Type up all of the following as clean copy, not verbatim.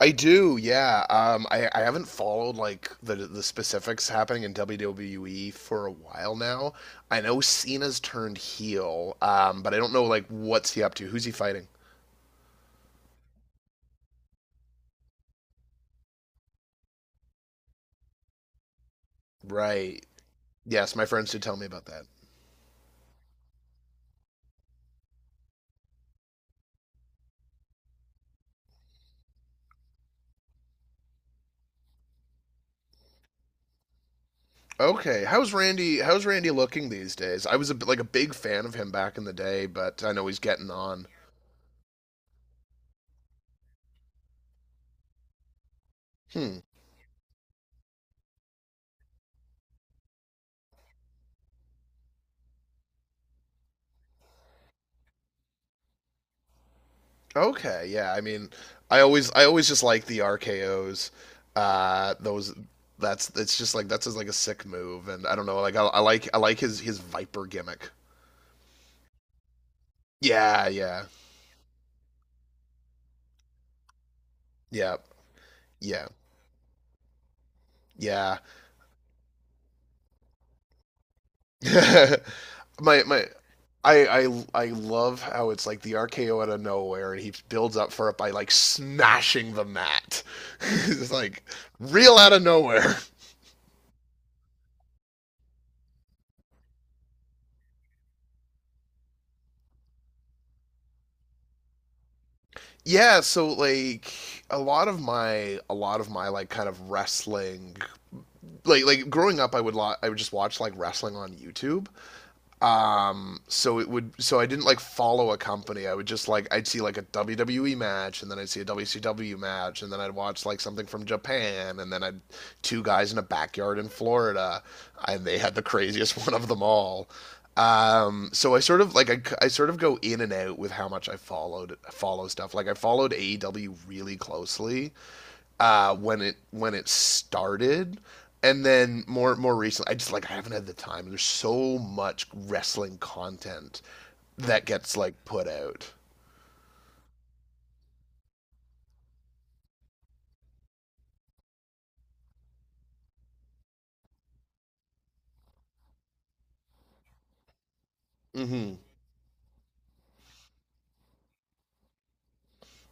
I do, yeah. I haven't followed like the specifics happening in WWE for a while now. I know Cena's turned heel, but I don't know like what's he up to. Who's he fighting? Right. Yes, my friends did tell me about that. Okay, how's Randy? How's Randy looking these days? I was like a big fan of him back in the day, but I know he's getting on. Hmm. Okay, yeah. I mean, I always just like the RKO's. Those that's it's just like that's just like a sick move, and I don't know. Like I like his Viper gimmick. Yeah, yeah, yeah, yeah, yeah. my my. I love how it's like the RKO out of nowhere and he builds up for it by like smashing the mat. It's like real out of nowhere. Yeah so like a lot of my a lot of my like kind of wrestling, like growing up I would just watch like wrestling on YouTube. Um, so it would so I didn't like follow a company. I would just like I'd see like a WWE match and then I'd see a WCW match and then I'd watch like something from Japan, and then I'd two guys in a backyard in Florida and they had the craziest one of them all. So I sort of like I sort of go in and out with how much I follow stuff. Like I followed AEW really closely when it started, and then more recently, I just like I haven't had the time. There's so much wrestling content that gets like put out. Hmm.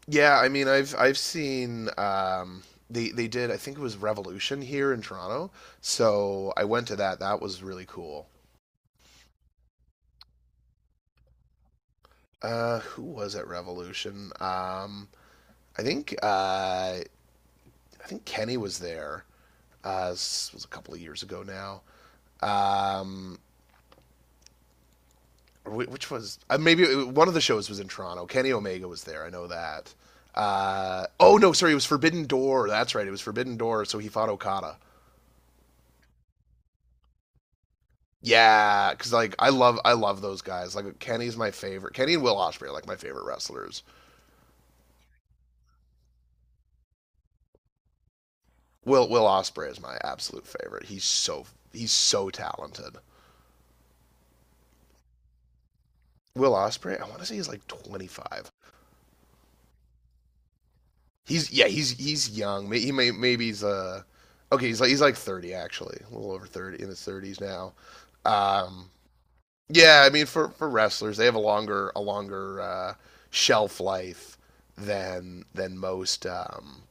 Yeah, I mean, I've seen they did I think it was Revolution here in Toronto, so I went to that. That was really cool. Who was at Revolution? I think uh, I think Kenny was there. This was a couple of years ago now. Um, which was maybe One of the shows was in Toronto. Kenny Omega was there. I know that. Oh no, sorry, it was Forbidden Door. That's right, it was Forbidden Door. So he fought Okada. Yeah, because like I love those guys. Like Kenny's my favorite. Kenny and Will Ospreay are like my favorite wrestlers. Will Ospreay is my absolute favorite. He's so talented. Will Ospreay. I want to say he's like 25. He's yeah, he's young. May- He may maybe he's okay, he's like 30 actually, a little over 30 in his 30s now. Um, Yeah, I mean for wrestlers, they have a longer shelf life than most,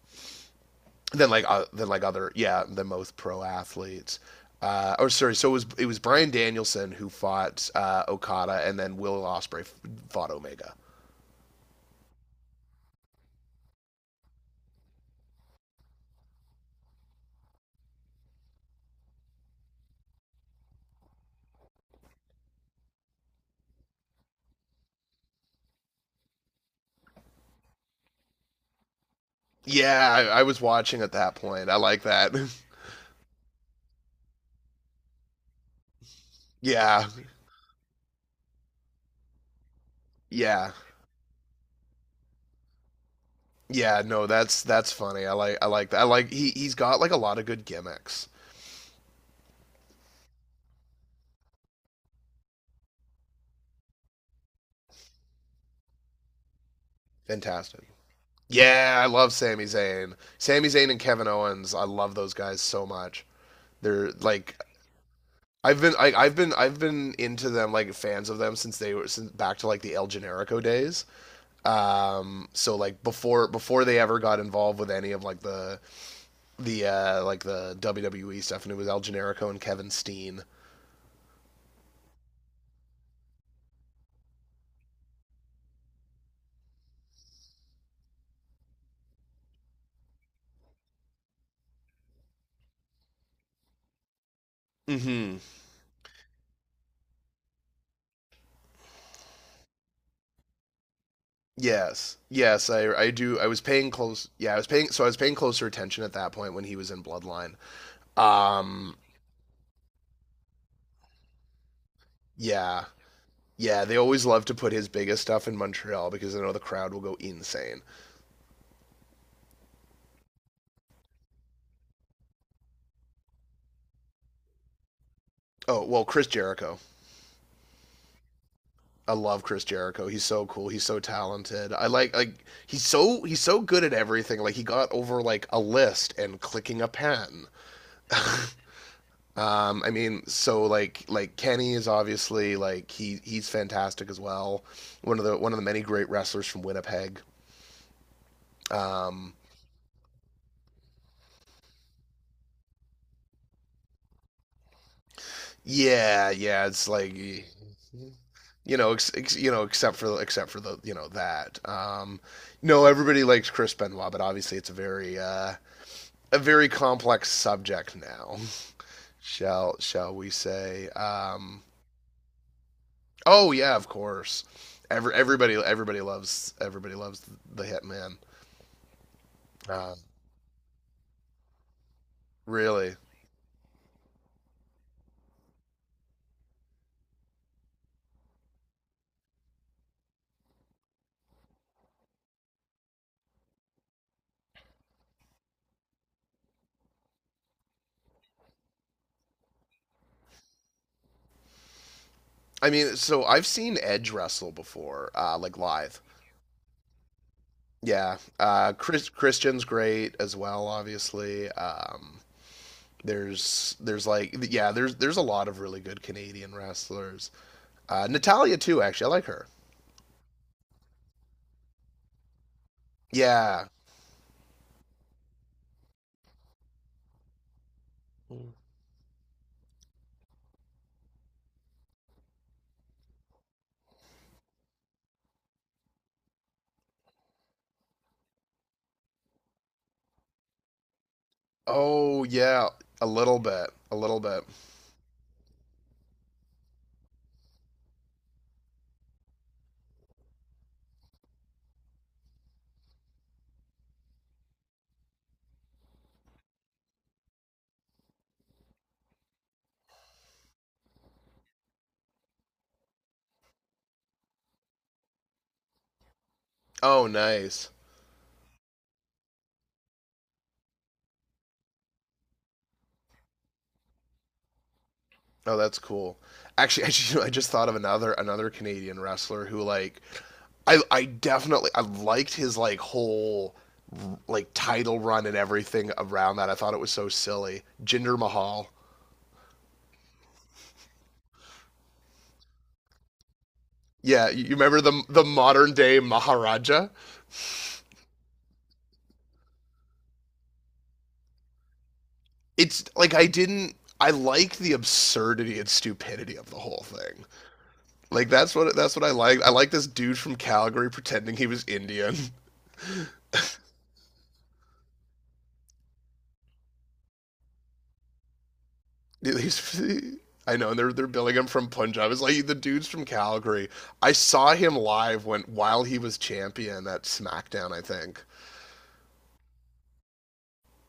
than like other yeah than most pro athletes. Oh, sorry. So it was Brian Danielson who fought Okada, and then Will Osprey fought Omega. Yeah, I was watching at that point. I like that. Yeah, yeah, yeah. No, that's funny. I like that. I like he's got like a lot of good gimmicks. Fantastic. Yeah, I love Sami Zayn. Sami Zayn and Kevin Owens, I love those guys so much. They're like I've been I, I've been into them like fans of them since they were, since back to like the El Generico days. So before they ever got involved with any of like the WWE stuff, and it was El Generico and Kevin Steen. Mm-hmm. Yes, yes, I do. I was paying close. Yeah, I was paying. So I was paying closer attention at that point when he was in Bloodline. Um, yeah, yeah, they always love to put his biggest stuff in Montreal because I know the crowd will go insane. Oh, well, Chris Jericho. I love Chris Jericho. He's so cool. He's so talented. I like he's so good at everything. Like he got over like a list and clicking a pen. I mean, so like Kenny is obviously like he's fantastic as well. One of the many great wrestlers from Winnipeg. Um, yeah, yeah, it's like except for except for the you know that. No, everybody likes Chris Benoit, but obviously it's a very complex subject now. Shall we say? Oh yeah, of course. Everybody loves the Hitman. Uh, really, I mean, so I've seen Edge wrestle before, like live. Yeah, Christian's great as well, obviously. There's there's a lot of really good Canadian wrestlers. Natalia too, actually I like her. Yeah. Oh yeah, a little bit, a little bit. Oh nice. Oh that's cool. Actually, I just thought of another Canadian wrestler who like I liked his like whole like title run and everything around that. I thought it was so silly. Jinder Mahal. Yeah, you remember the modern day Maharaja? It's like I didn't I like the absurdity and stupidity of the whole thing. Like that's what I like. I like this dude from Calgary pretending he was Indian. He's, I know, and they're billing him from Punjab. It's like the dude's from Calgary. I saw him live when while he was champion at SmackDown, I think.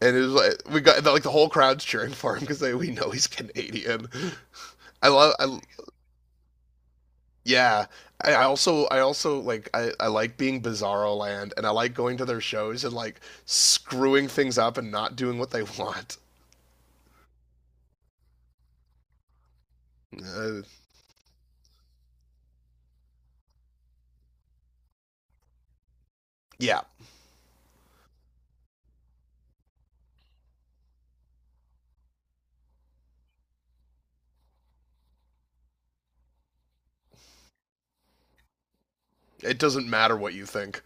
And it was like we got like the whole crowd's cheering for him because they we know he's Canadian. I love I, Yeah, I also I like being Bizarro Land, and I like going to their shows and like screwing things up and not doing what they want. Uh, yeah, it doesn't matter what you think.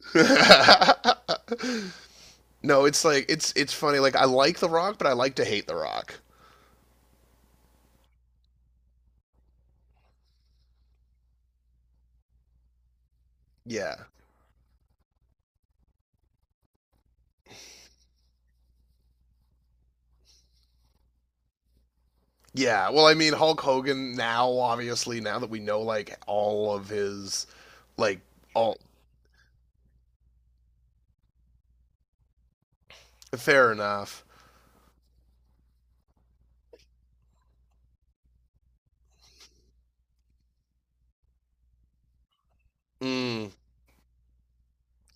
No, it's like it's funny. Like I like The Rock, but I like to hate The Rock. Yeah, yeah. Well, I mean Hulk Hogan now, obviously now that we know like all of his, like all, fair enough. Mm.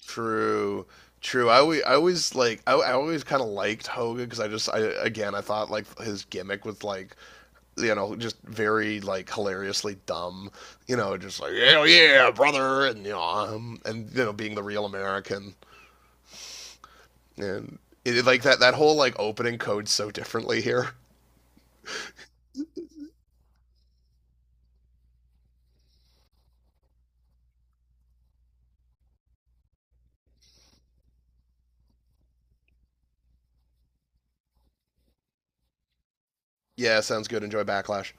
True. True. I always like I always kind of liked Hogan because I just I again I thought like his gimmick was like you know just very like hilariously dumb, you know, just like hell yeah brother, and you know, and you know being the real American, and it, like that whole like opening codes so differently here. Yeah, sounds good. Enjoy Backlash.